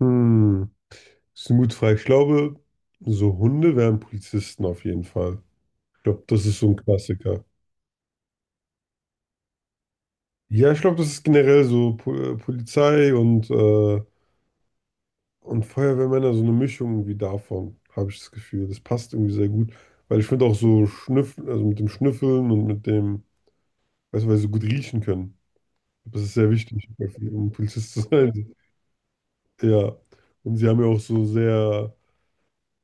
Hm, das ist eine gute Frage. Ich glaube, so Hunde wären Polizisten auf jeden Fall. Ich glaube, das ist so ein Klassiker. Ja, ich glaube, das ist generell so Polizei und Feuerwehrmänner, so eine Mischung irgendwie davon, habe ich das Gefühl. Das passt irgendwie sehr gut, weil ich finde auch so Schnüffeln, also mit dem Schnüffeln und mit dem, weißt du, weil sie so gut riechen können. Das ist sehr wichtig, um Polizist zu sein. Ja, und sie haben ja auch so sehr.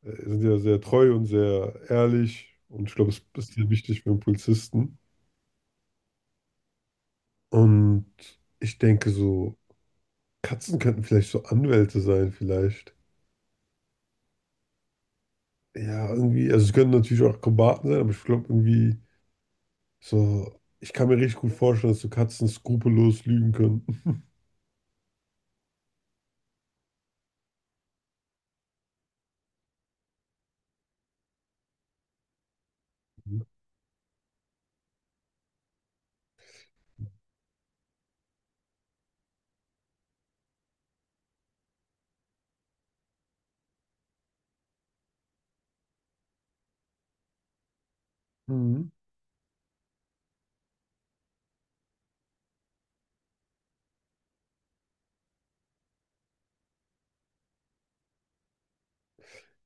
Sind ja sehr treu und sehr ehrlich und ich glaube, es ist sehr wichtig für einen Polizisten. Und ich denke so, Katzen könnten vielleicht so Anwälte sein, vielleicht. Ja, irgendwie, also sie können natürlich auch Akrobaten sein, aber ich glaube irgendwie so, ich kann mir richtig gut vorstellen, dass so Katzen skrupellos lügen können. Mhm.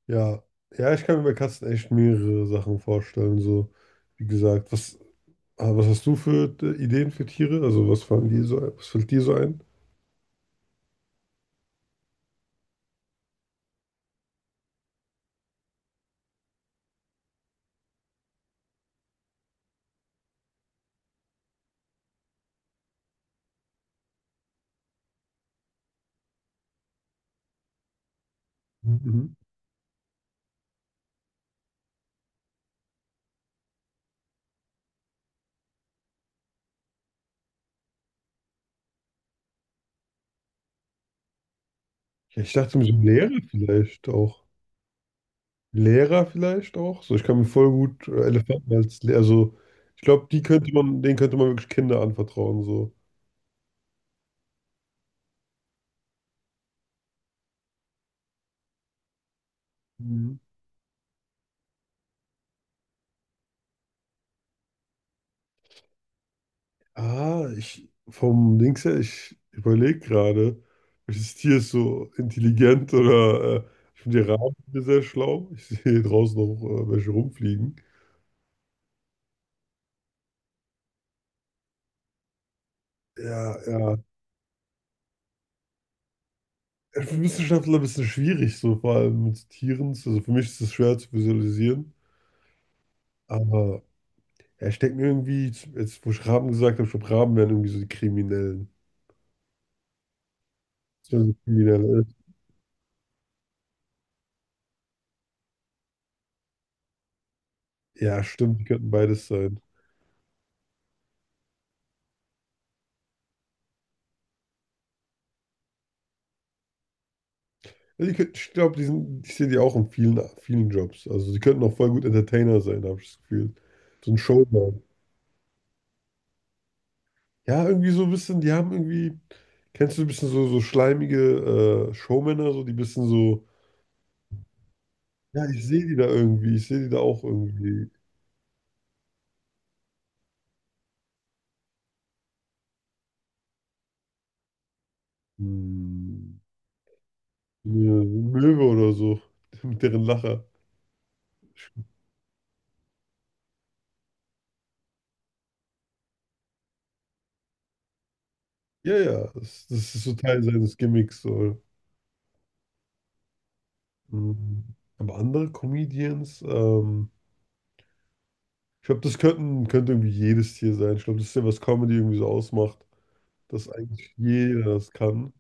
Ja, ja, ich kann mir bei Katzen echt mehrere Sachen vorstellen. So, wie gesagt, was hast du für Ideen für Tiere? Also, was fallen dir so, was fällt dir so ein? Mhm. Ich dachte mir so Lehrer vielleicht auch. Lehrer vielleicht auch. So, ich kann mir voll gut Elefanten als Lehrer. Also, ich glaube, denen könnte man wirklich Kinder anvertrauen. So. Mhm. Ah, ich vom Dings her, ich überlege gerade, welches Tier ist so intelligent oder ich finde die Raben sehr schlau. Ich sehe hier draußen noch welche rumfliegen. Ja, ja. Für Wissenschaftler ein bisschen schwierig, so vor allem mit Tieren. Also für mich ist es schwer zu visualisieren, aber ja, ich denke mir irgendwie, jetzt wo ich Raben gesagt habe, ich glaube, Raben wären irgendwie so die Kriminellen. Das wären so Kriminelle. Ja, stimmt, die könnten beides sein. Ja, die könnten, ich glaube, die sind, ich sehe die auch in vielen, vielen Jobs. Also die könnten auch voll gut Entertainer sein, habe ich das Gefühl. So ein Showman. Ja, irgendwie so ein bisschen, die haben irgendwie, kennst du ein bisschen so, so schleimige Showmänner, so die bisschen so, ja, ich sehe die da irgendwie, ich sehe die da auch irgendwie. Hm, eine Möwe oder so, mit deren Lacher. Ich Ja, ja, das, das ist so Teil seines Gimmicks. So. Mhm. Aber andere Comedians, ich glaube, das könnten, könnte irgendwie jedes Tier sein. Ich glaube, das ist ja, was Comedy irgendwie so ausmacht, dass eigentlich jeder das kann.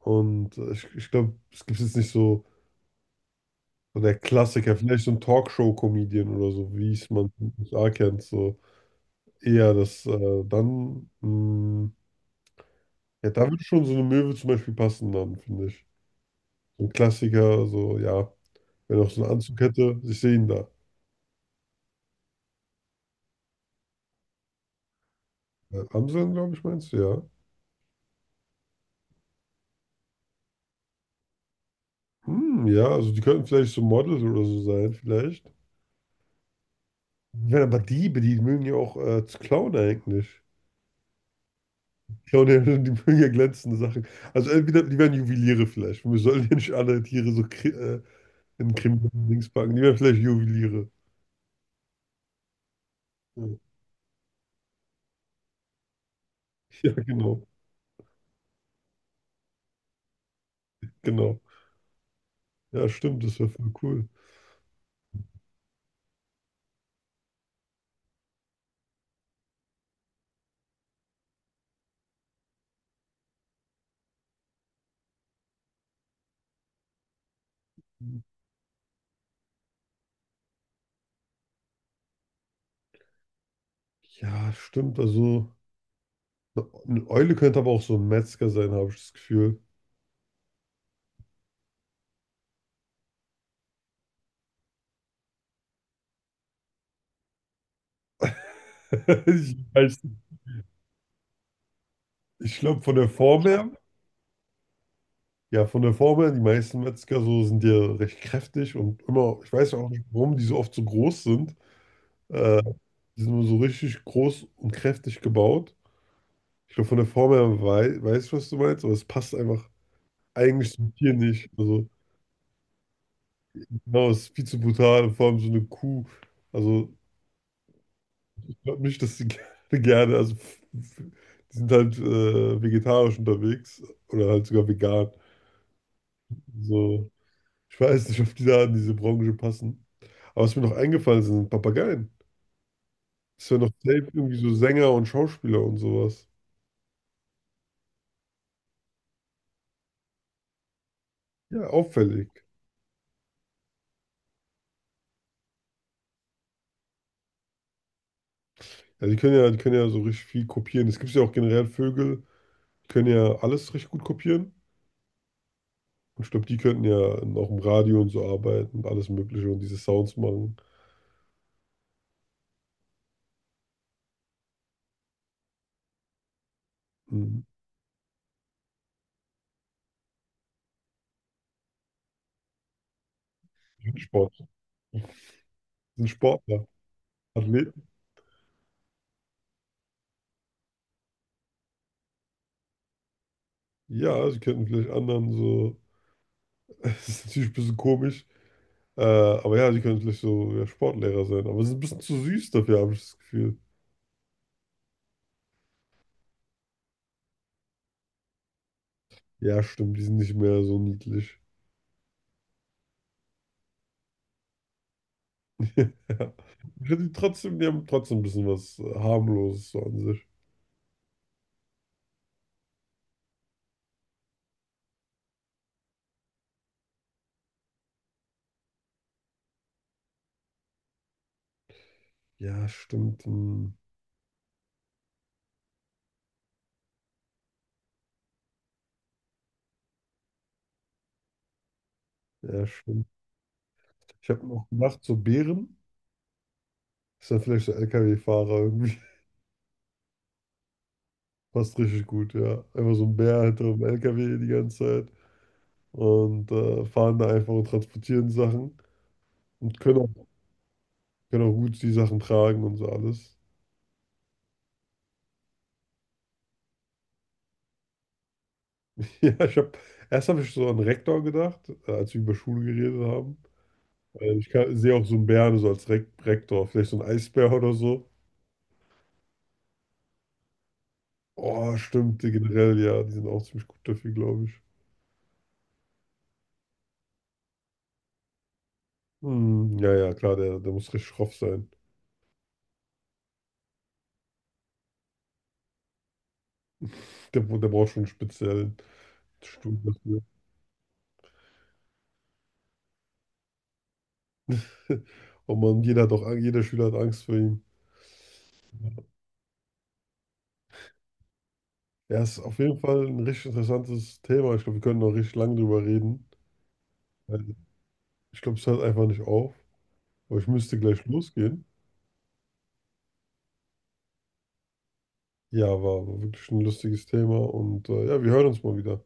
Ich glaube, es gibt jetzt nicht so, so der Klassiker, vielleicht so ein Talkshow-Comedian oder so, wie es man in den USA kennt. So eher ja, da würde schon so eine Möwe zum Beispiel passen, dann, finde ich. So ein Klassiker, so, ja, wenn er auch so einen Anzug hätte, ich sehe ihn da. Amseln, glaube ich, meinst du, ja. Hm, ja, also die könnten vielleicht so Models oder so sein, vielleicht. Ich aber Diebe, die mögen ja auch zu klauen eigentlich. Klauen ja, die mögen ja glänzende Sachen. Also entweder die werden Juweliere vielleicht. Wir sollen ja nicht alle Tiere so kri in kriminellen Dings packen. Die werden vielleicht Juweliere. Ja, ja, genau. Genau. Ja, stimmt, das wäre voll cool. Ja, stimmt. Also eine Eule könnte aber auch so ein Metzger sein, habe ich das Gefühl. Ich weiß nicht. Ich glaube, von der Form her ja, von der Form her, die meisten Metzger so sind ja recht kräftig und immer, ich weiß auch nicht, warum die so oft so groß sind. Äh, Die sind immer so richtig groß und kräftig gebaut. Ich glaube, von der Form her ich, was du meinst, aber es passt einfach eigentlich zum Tier nicht. Also, genau, es ist viel zu brutal, und vor allem so eine Kuh. Also, ich glaube nicht, dass die gerne, gerne, die sind halt vegetarisch unterwegs oder halt sogar vegan. So. Ich weiß nicht, ob die da in diese Branche passen. Aber was mir noch eingefallen ist, sind Papageien. Das wären noch safe irgendwie so Sänger und Schauspieler und sowas. Ja, auffällig. Ja, die können ja, die können ja so richtig viel kopieren. Es gibt ja auch generell Vögel, die können ja alles richtig gut kopieren. Und ich glaube, die könnten ja auch im Radio und so arbeiten und alles Mögliche und diese Sounds machen. Mhm. Sind Sport. Sind Sportler. Athleten. Ja, sie könnten vielleicht anderen so. Das ist natürlich ein bisschen komisch. Aber ja, die können vielleicht so ja, Sportlehrer sein. Aber sie sind ein bisschen zu süß dafür, habe ich das Gefühl. Ja, stimmt, die sind nicht mehr so niedlich. Ja. Ich finde die trotzdem, die haben trotzdem ein bisschen was harmloses so an sich. Ja, stimmt. Hm. Ja, stimmt. Ich habe noch gedacht, so Bären. Ist dann vielleicht so LKW-Fahrer irgendwie. Passt richtig gut, ja. Einfach so ein Bär hinter einem LKW die ganze Zeit. Fahren da einfach und transportieren Sachen. Und können auch, können auch gut die Sachen tragen und so alles. Ja, ich habe erst habe ich so an Rektor gedacht, als wir über Schule geredet haben. Sehe auch so einen Bären so als Rektor, vielleicht so ein Eisbär oder so. Oh, stimmt, die generell, ja, die sind auch ziemlich gut dafür, glaube ich. Hm, ja, ja, klar, der, der muss richtig schroff sein. Der, der braucht schon einen speziellen Stuhl dafür. Und man, jeder Schüler hat Angst vor ihm. Ja, ist auf jeden Fall ein richtig interessantes Thema. Ich glaube, wir können noch richtig lange drüber reden. Weil ich glaube, es hört einfach nicht auf. Aber ich müsste gleich losgehen. Ja, war wirklich ein lustiges Thema und ja, wir hören uns mal wieder.